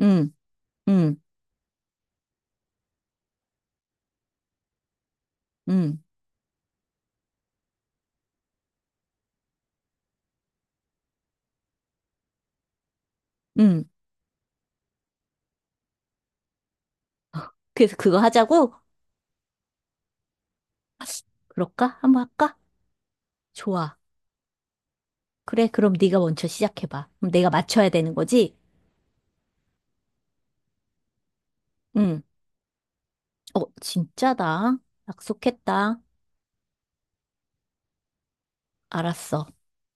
응, 응, 응, 응. 그래서 그거 하자고? 그럴까? 한번 할까? 좋아. 그래, 그럼 네가 먼저 시작해봐. 그럼 내가 맞춰야 되는 거지? 응. 어, 진짜다. 약속했다. 알았어.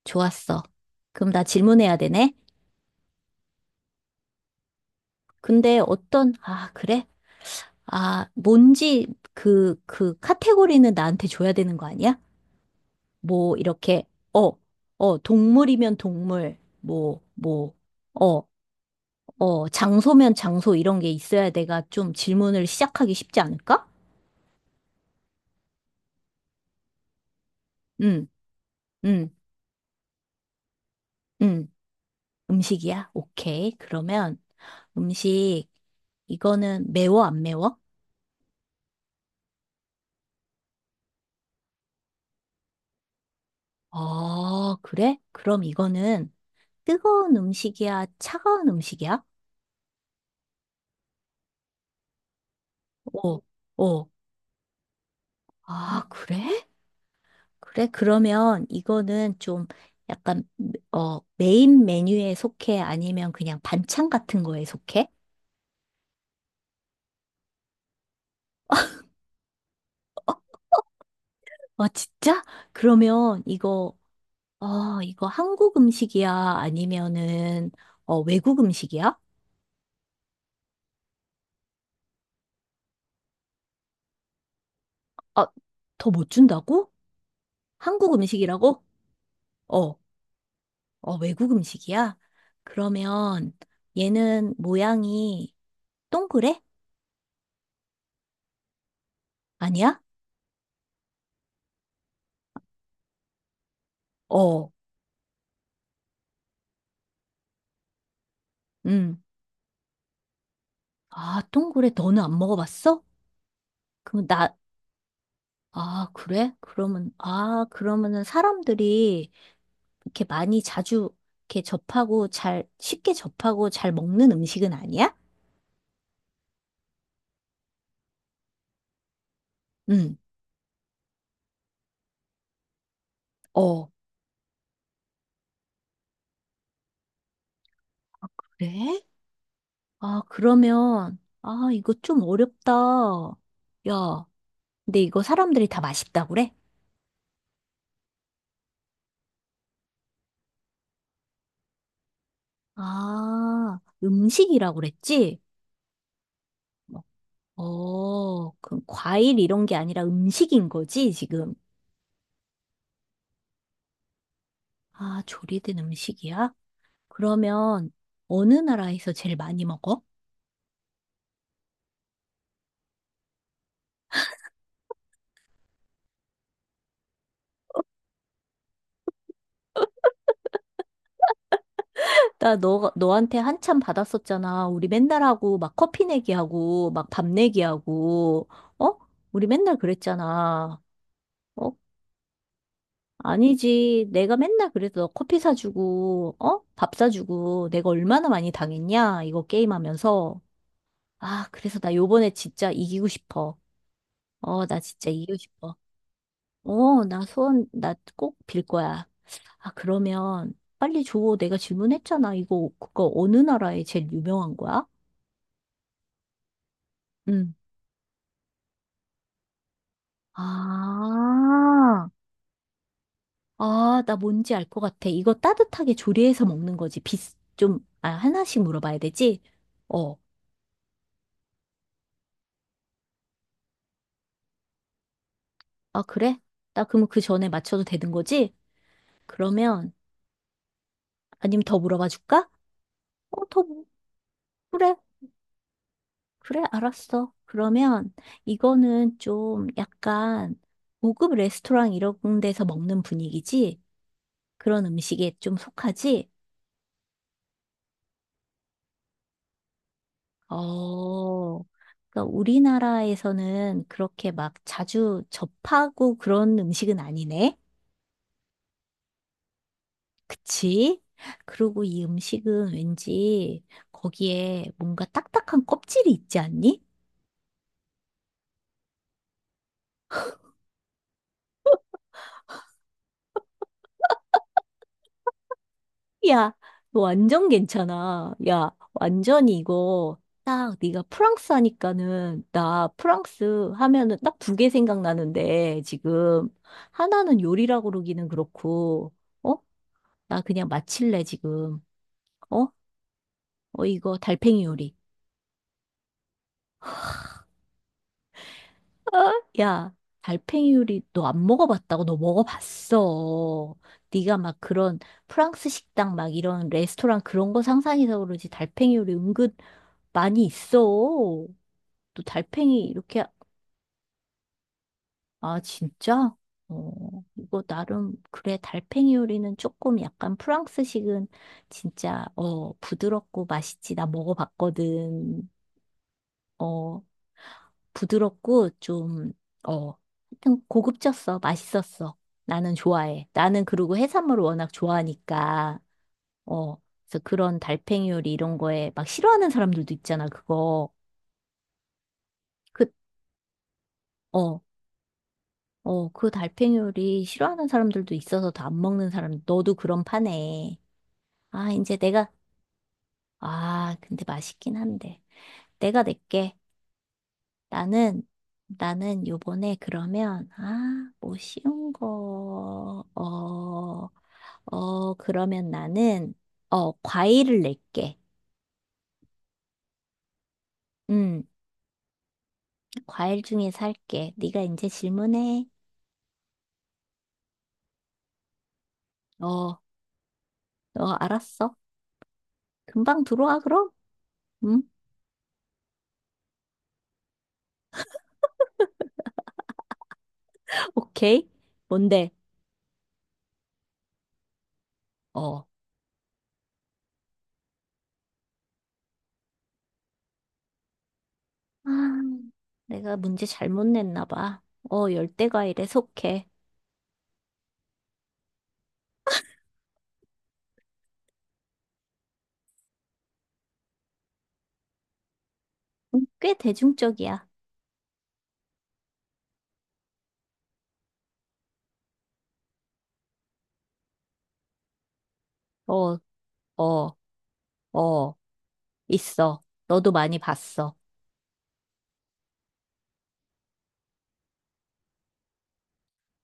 좋았어. 그럼 나 질문해야 되네? 근데 어떤, 아, 그래? 아, 뭔지 그 카테고리는 나한테 줘야 되는 거 아니야? 뭐, 이렇게, 어, 어, 동물이면 동물, 뭐, 어. 어, 장소면 장소 이런 게 있어야 내가 좀 질문을 시작하기 쉽지 않을까? 응, 응, 응. 음식이야? 오케이. 그러면 음식, 이거는 매워, 안 매워? 어, 그래? 그럼 이거는 뜨거운 음식이야? 차가운 음식이야? 어, 어. 아, 그래? 그래? 그러면 이거는 좀 약간, 어, 메인 메뉴에 속해? 아니면 그냥 반찬 같은 거에 속해? 아, 진짜? 그러면 이거 아, 이거 한국 음식이야? 아니면은, 어, 외국 음식이야? 아, 더 못 준다고? 한국 음식이라고? 어, 어, 외국 음식이야? 그러면 얘는 모양이 동그래? 아니야? 어, 음. 아, 동그래? 너는 안 먹어봤어? 그럼 나, 아, 그래? 그러면, 아, 그러면은 사람들이 이렇게 많이 자주 이렇게 접하고 잘, 쉽게 접하고 잘 먹는 음식은 아니야? 응. 어. 그래? 아, 그러면, 아, 이거 좀 어렵다. 야, 근데 이거 사람들이 다 맛있다고 그래? 아, 음식이라고 그랬지? 어, 그럼 과일 이런 게 아니라 음식인 거지, 지금? 아, 조리된 음식이야? 그러면 어느 나라에서 제일 많이 먹어? 나 너한테 한참 받았었잖아. 우리 맨날 하고, 막 커피 내기하고, 막 밥 내기하고, 어? 우리 맨날 그랬잖아. 어, 아니지. 내가 맨날 그래서 너 커피 사주고, 어? 밥 사주고, 내가 얼마나 많이 당했냐? 이거 게임하면서. 아, 그래서 나 요번에 진짜 이기고 싶어. 어, 나 진짜 이기고 싶어. 어, 나 소원, 나 꼭 빌 거야. 아, 그러면 빨리 줘. 내가 질문했잖아. 이거, 그거 어느 나라에 제일 유명한 거야? 응. 아, 아, 나 뭔지 알 것 같아. 이거 따뜻하게 조리해서 먹는 거지. 비, 좀, 아, 하나씩 물어봐야 되지? 어. 아, 그래? 나 그럼 그 전에 맞춰도 되는 거지? 그러면, 아니면 더 물어봐 줄까? 어, 더, 물- 그래, 그래, 알았어. 그러면, 이거는 좀 약간, 고급 레스토랑 이런 데서 먹는 분위기지? 그런 음식에 좀 속하지? 어, 그러니까 우리나라에서는 그렇게 막 자주 접하고 그런 음식은 아니네? 그치? 그리고 이 음식은 왠지 거기에 뭔가 딱딱한 껍질이 있지 않니? 야, 너 완전 괜찮아. 야, 완전히 이거 딱 네가 프랑스 하니까는 나 프랑스 하면은 딱 두 개 생각나는데 지금 하나는 요리라고 그러기는 그렇고 어? 나 그냥 마칠래 지금. 어? 어 이거 달팽이 요리. 어? 야, 달팽이 요리 너 안 먹어봤다고 너 먹어봤어. 네가 막 그런 프랑스 식당 막 이런 레스토랑 그런 거 상상해서 그러지 달팽이 요리 은근 많이 있어. 또 달팽이 이렇게 아 진짜? 어 이거 나름 그래 달팽이 요리는 조금 약간 프랑스식은 진짜 어 부드럽고 맛있지. 나 먹어봤거든. 어 부드럽고 좀어 하여튼 고급졌어. 맛있었어. 나는 좋아해. 나는 그리고 해산물을 워낙 좋아하니까 어 그래서 그런 달팽이 요리 이런 거에 막 싫어하는 사람들도 있잖아. 그거 그 어. 어, 그 달팽이요리 싫어하는 사람들도 있어서 다 안 먹는 사람, 너도 그런 파네. 아, 이제 내가, 아, 근데 맛있긴 한데. 내가 낼게. 나는, 나는 요번에 그러면, 아, 뭐 쉬운 거, 어, 어, 그러면 나는, 어, 과일을 낼게. 음, 과일 중에 살게. 네가 이제 질문해. 어, 어, 알았어. 금방 들어와, 그럼? 응? 오케이. 뭔데? 어. 아, 내가 문제 잘못 냈나 봐. 어, 열대과일에 속해. 꽤 대중적이야. 어, 어, 어, 있어. 너도 많이 봤어.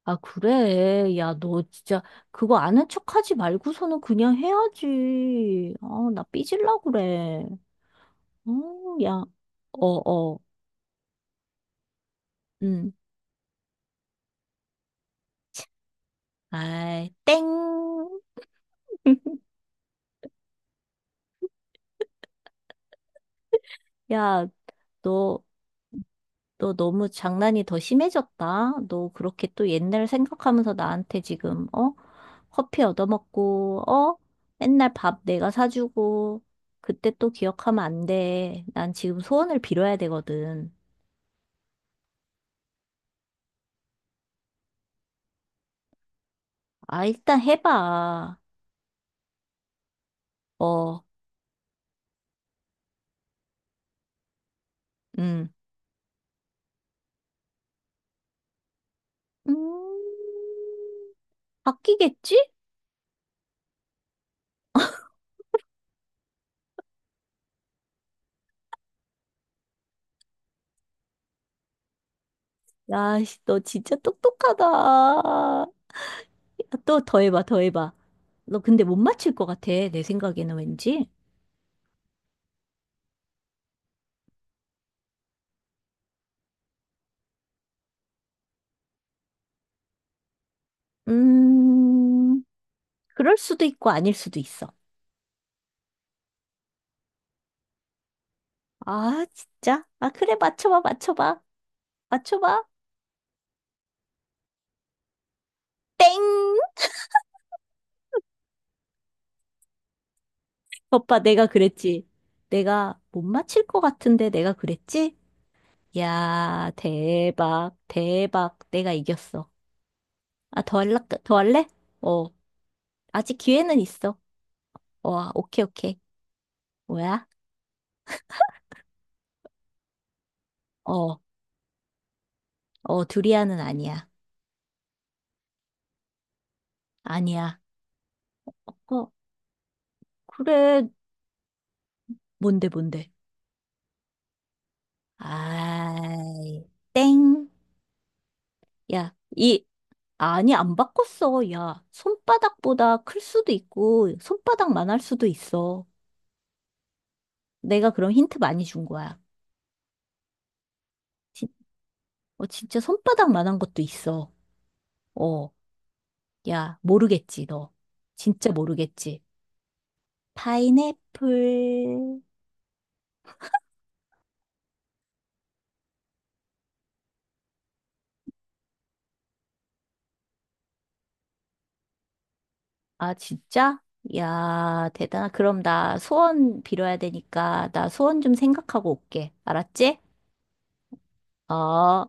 아, 그래. 야, 너 진짜 그거 아는 척하지 말고서는 그냥 해야지. 아, 나 삐질라 그래. 어, 야, 어, 어, 응. 아이, 땡. 야, 너 너 너무 장난이 더 심해졌다. 너 그렇게 또 옛날 생각하면서 나한테 지금, 어? 커피 얻어먹고, 어? 맨날 밥 내가 사주고, 그때 또 기억하면 안 돼. 난 지금 소원을 빌어야 되거든. 아, 일단 해봐. 어, 음. 음, 바뀌겠지? 야, 씨, 너 진짜 똑똑하다. 야, 또 더 해봐, 더 해봐. 너 근데 못 맞힐 것 같아, 내 생각에는 왠지. 음. 그럴 수도 있고 아닐 수도 있어. 아, 진짜? 아, 그래, 맞춰봐, 맞춰봐. 맞춰봐. 땡! 오빠, 내가 그랬지. 내가 못 맞힐 것 같은데 내가 그랬지? 야, 대박, 대박. 내가 이겼어. 아, 더 할래? 더 할래? 어, 아직 기회는 있어. 와, 오케이, 오케이. 뭐야? 어, 어, 두리안은 아니야. 아니야. 어, 그래. 뭔데, 뭔데? 아, 땡. 야, 이, 아니, 안 바꿨어. 야, 손바닥보다 클 수도 있고, 손바닥만 할 수도 있어. 내가 그런 힌트 많이 준 거야. 진, 어, 진짜 손바닥만 한 것도 있어. 어, 야, 모르겠지, 너. 진짜 모르겠지. 파인애플. 아, 진짜? 야, 대단하. 그럼 나 소원 빌어야 되니까, 나 소원 좀 생각하고 올게. 알았지? 어.